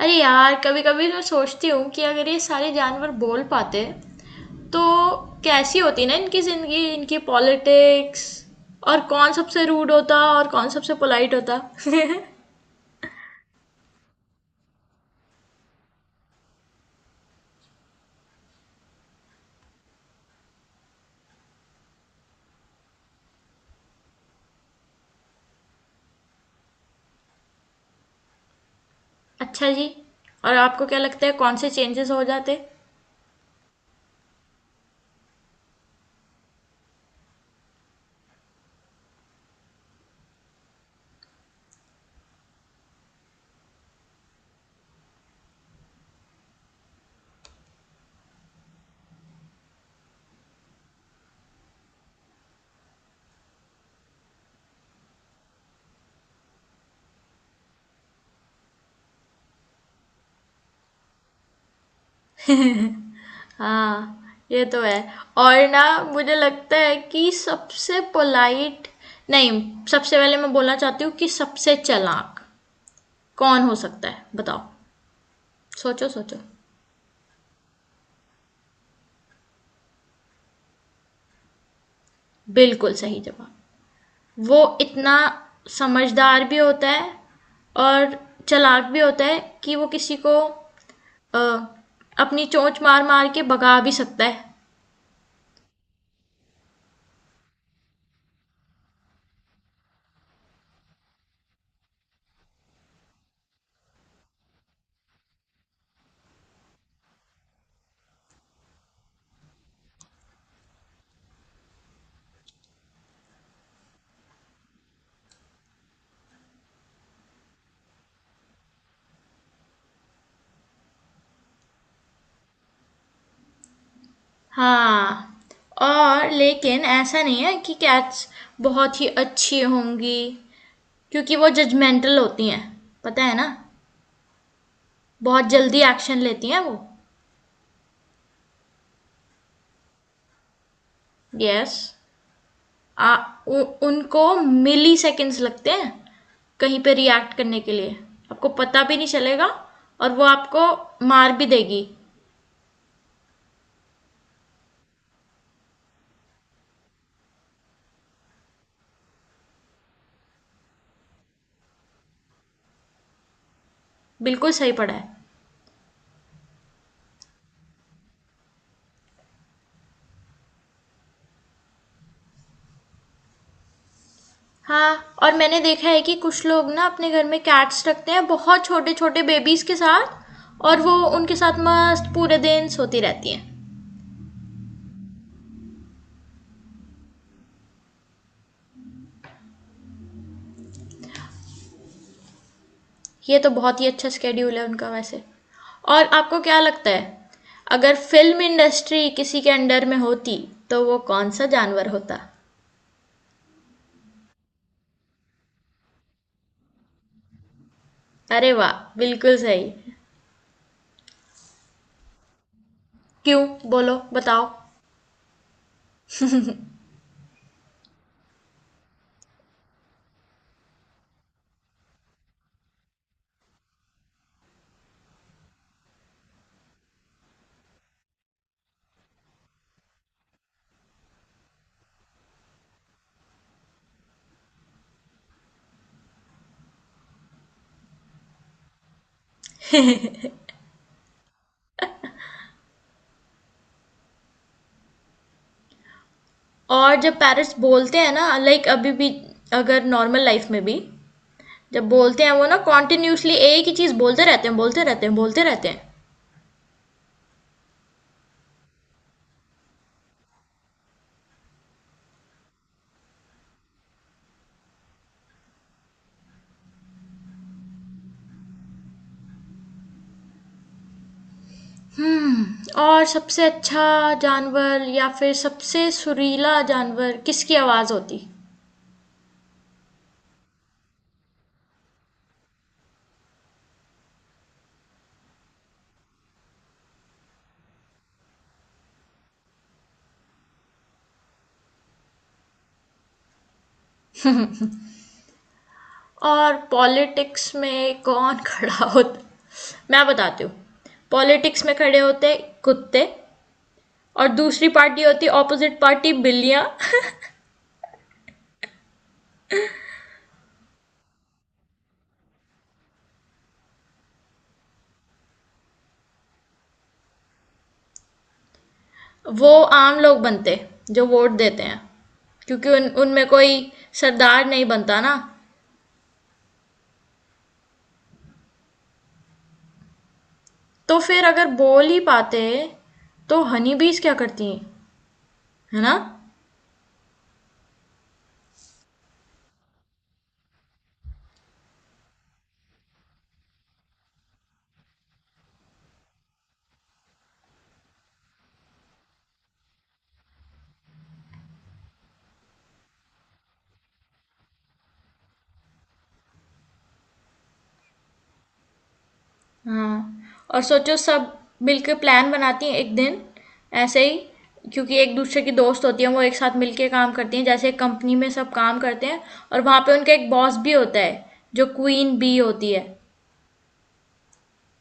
अरे यार, कभी कभी मैं सोचती हूँ कि अगर ये सारे जानवर बोल पाते तो कैसी होती ना, इनकी जिंदगी, इनकी पॉलिटिक्स। और कौन सबसे रूड होता और कौन सबसे पोलाइट होता? अच्छा जी। और आपको क्या लगता है कौन से चेंजेस हो जाते? हाँ, ये तो है। और ना, मुझे लगता है कि सबसे पोलाइट, नहीं, सबसे पहले मैं बोलना चाहती हूँ कि सबसे चालाक कौन हो सकता है, बताओ। सोचो सोचो। बिल्कुल सही जवाब। वो इतना समझदार भी होता है और चालाक भी होता है कि वो किसी को अ, अपनी चोंच मार मार के भगा भी सकता है। हाँ। और लेकिन ऐसा नहीं है कि कैट्स बहुत ही अच्छी होंगी, क्योंकि वो जजमेंटल होती हैं, पता है ना। बहुत जल्दी एक्शन लेती हैं वो। यस। आ उ, उनको मिली सेकेंड्स लगते हैं कहीं पे रिएक्ट करने के लिए। आपको पता भी नहीं चलेगा और वो आपको मार भी देगी। बिल्कुल सही पढ़ा है। हाँ, और मैंने देखा है कि कुछ लोग ना अपने घर में कैट्स रखते हैं बहुत छोटे छोटे बेबीज़ के साथ। और वो उनके साथ मस्त पूरे दिन सोती रहती हैं। ये तो बहुत ही अच्छा स्केड्यूल है उनका वैसे। और आपको क्या लगता है, अगर फिल्म इंडस्ट्री किसी के अंडर में होती, तो वो कौन सा जानवर होता? अरे वाह, बिल्कुल सही। क्यों? बोलो बताओ। और जब पेरेंट्स बोलते हैं ना, लाइक अभी भी, अगर नॉर्मल लाइफ में भी जब बोलते हैं वो ना, कॉन्टिन्यूसली एक ही चीज़ बोलते रहते हैं, बोलते रहते हैं, बोलते रहते हैं। और सबसे अच्छा जानवर या फिर सबसे सुरीला जानवर किसकी आवाज़ होती? और पॉलिटिक्स में कौन खड़ा होता? मैं बताती हूँ। पॉलिटिक्स में खड़े होते कुत्ते। और दूसरी पार्टी होती ऑपोजिट पार्टी, बिल्लियाँ। वो आम लोग बनते जो वोट देते हैं, क्योंकि उन उनमें कोई सरदार नहीं बनता ना। तो फिर अगर बोल ही पाते, तो हनी बीज क्या करती हैं, है ना? हाँ, और सोचो, सब मिलके प्लान बनाती हैं एक दिन, ऐसे ही, क्योंकि एक दूसरे की दोस्त होती हैं वो। एक साथ मिलके काम करती हैं, जैसे एक कंपनी में सब काम करते हैं। और वहाँ पे उनका एक बॉस भी होता है, जो क्वीन बी होती है।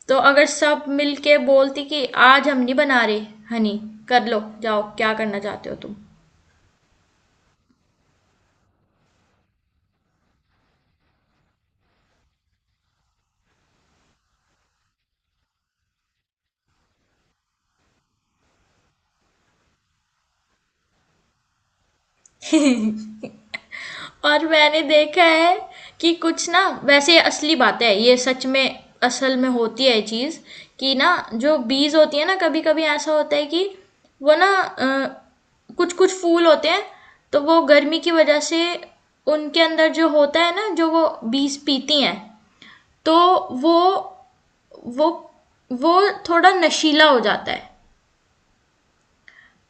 तो अगर सब मिलके बोलती कि आज हम नहीं बना रहे हनी, कर लो जाओ क्या करना चाहते हो तुम। और मैंने देखा है कि कुछ ना, वैसे ये असली बातें हैं, ये सच में, असल में होती है ये चीज़, कि ना, जो बीज होती है ना, कभी कभी ऐसा होता है कि वो ना, कुछ कुछ फूल होते हैं, तो वो गर्मी की वजह से उनके अंदर जो होता है ना, जो वो बीज पीती हैं, तो वो वो वो थोड़ा नशीला हो जाता है।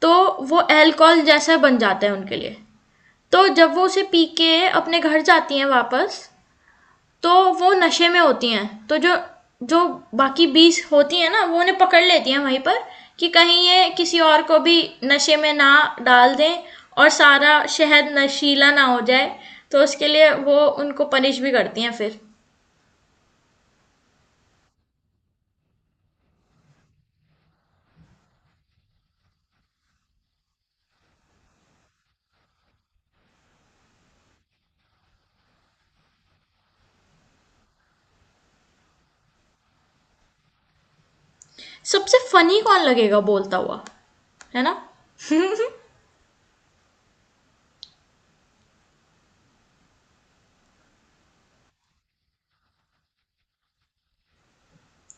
तो वो अल्कोहल जैसा बन जाता है उनके लिए। तो जब वो उसे पी के अपने घर जाती हैं वापस, तो वो नशे में होती हैं। तो जो जो बाकी बीस होती हैं ना, वो उन्हें पकड़ लेती हैं वहीं पर, कि कहीं ये किसी और को भी नशे में ना डाल दें, और सारा शहर नशीला ना हो जाए। तो उसके लिए वो उनको पनिश भी करती हैं फिर। सबसे फनी कौन लगेगा बोलता हुआ, है ना?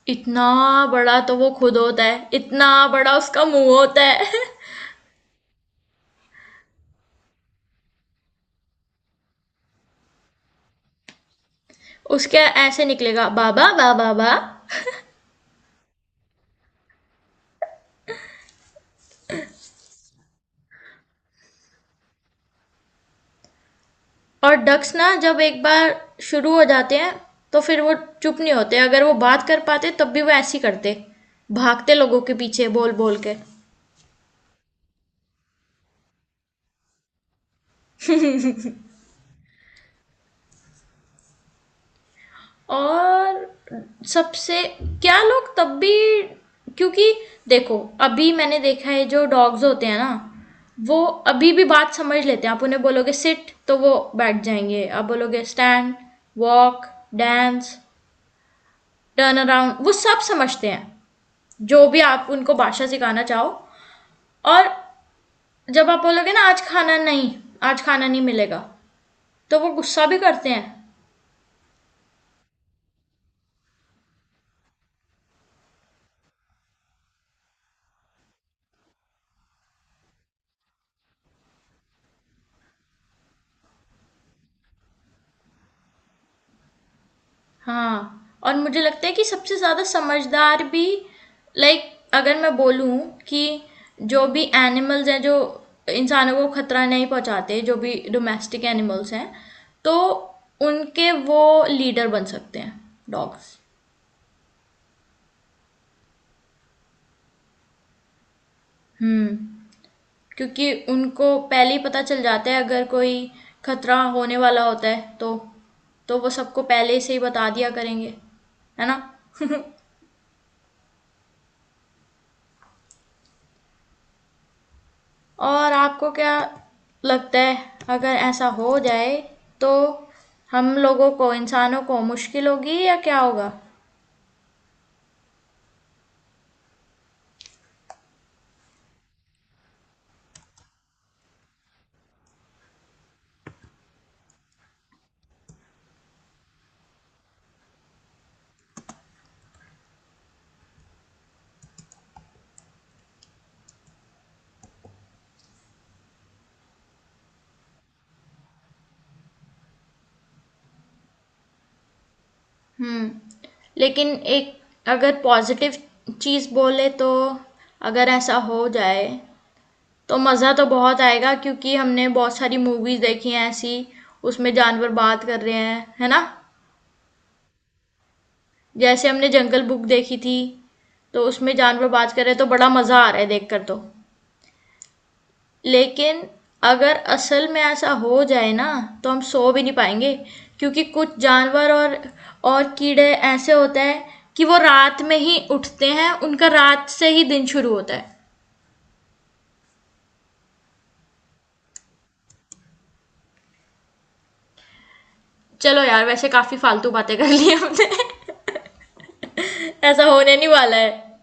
इतना बड़ा तो वो खुद होता है, इतना बड़ा उसका मुंह होता है। उसके ऐसे निकलेगा, बाबा बाबा बाबा। और डक्स ना, जब एक बार शुरू हो जाते हैं, तो फिर वो चुप नहीं होते। अगर वो बात कर पाते तब भी वो ऐसे ही करते, भागते लोगों के पीछे बोल बोल के। और सबसे क्या, लोग तब भी, क्योंकि देखो, अभी मैंने देखा है, जो डॉग्स होते हैं ना, वो अभी भी बात समझ लेते हैं। आप उन्हें बोलोगे सिट तो वो बैठ जाएंगे, आप बोलोगे stand, walk, dance, turn around, वो सब समझते हैं, जो भी आप उनको भाषा सिखाना चाहो। और जब आप बोलोगे ना, आज खाना नहीं मिलेगा, तो वो गुस्सा भी करते हैं। हाँ, और मुझे लगता है कि सबसे ज़्यादा समझदार भी, लाइक, अगर मैं बोलूँ कि जो भी एनिमल्स हैं जो इंसानों को खतरा नहीं पहुँचाते, जो भी डोमेस्टिक एनिमल्स हैं, तो उनके वो लीडर बन सकते हैं, डॉग्स। हुँ, क्योंकि उनको पहले ही पता चल जाता है अगर कोई खतरा होने वाला होता है तो। तो वो सबको पहले से ही बता दिया करेंगे, है ना? और आपको क्या लगता है, अगर ऐसा हो जाए, तो हम लोगों को, इंसानों को मुश्किल होगी, या क्या होगा? हुँ, लेकिन एक, अगर पॉज़िटिव चीज़ बोले तो, अगर ऐसा हो जाए तो मज़ा तो बहुत आएगा, क्योंकि हमने बहुत सारी मूवीज़ देखी हैं ऐसी, उसमें जानवर बात कर रहे हैं, है ना? जैसे हमने जंगल बुक देखी थी, तो उसमें जानवर बाज कर रहे, तो बड़ा मज़ा आ रहा है देखकर। तो लेकिन अगर असल में ऐसा हो जाए ना, तो हम सो भी नहीं पाएंगे, क्योंकि कुछ जानवर और कीड़े ऐसे होते हैं कि वो रात में ही उठते हैं, उनका रात से ही दिन शुरू होता है। चलो यार, वैसे काफ़ी फालतू बातें कर ली हमने। ऐसा होने नहीं वाला है।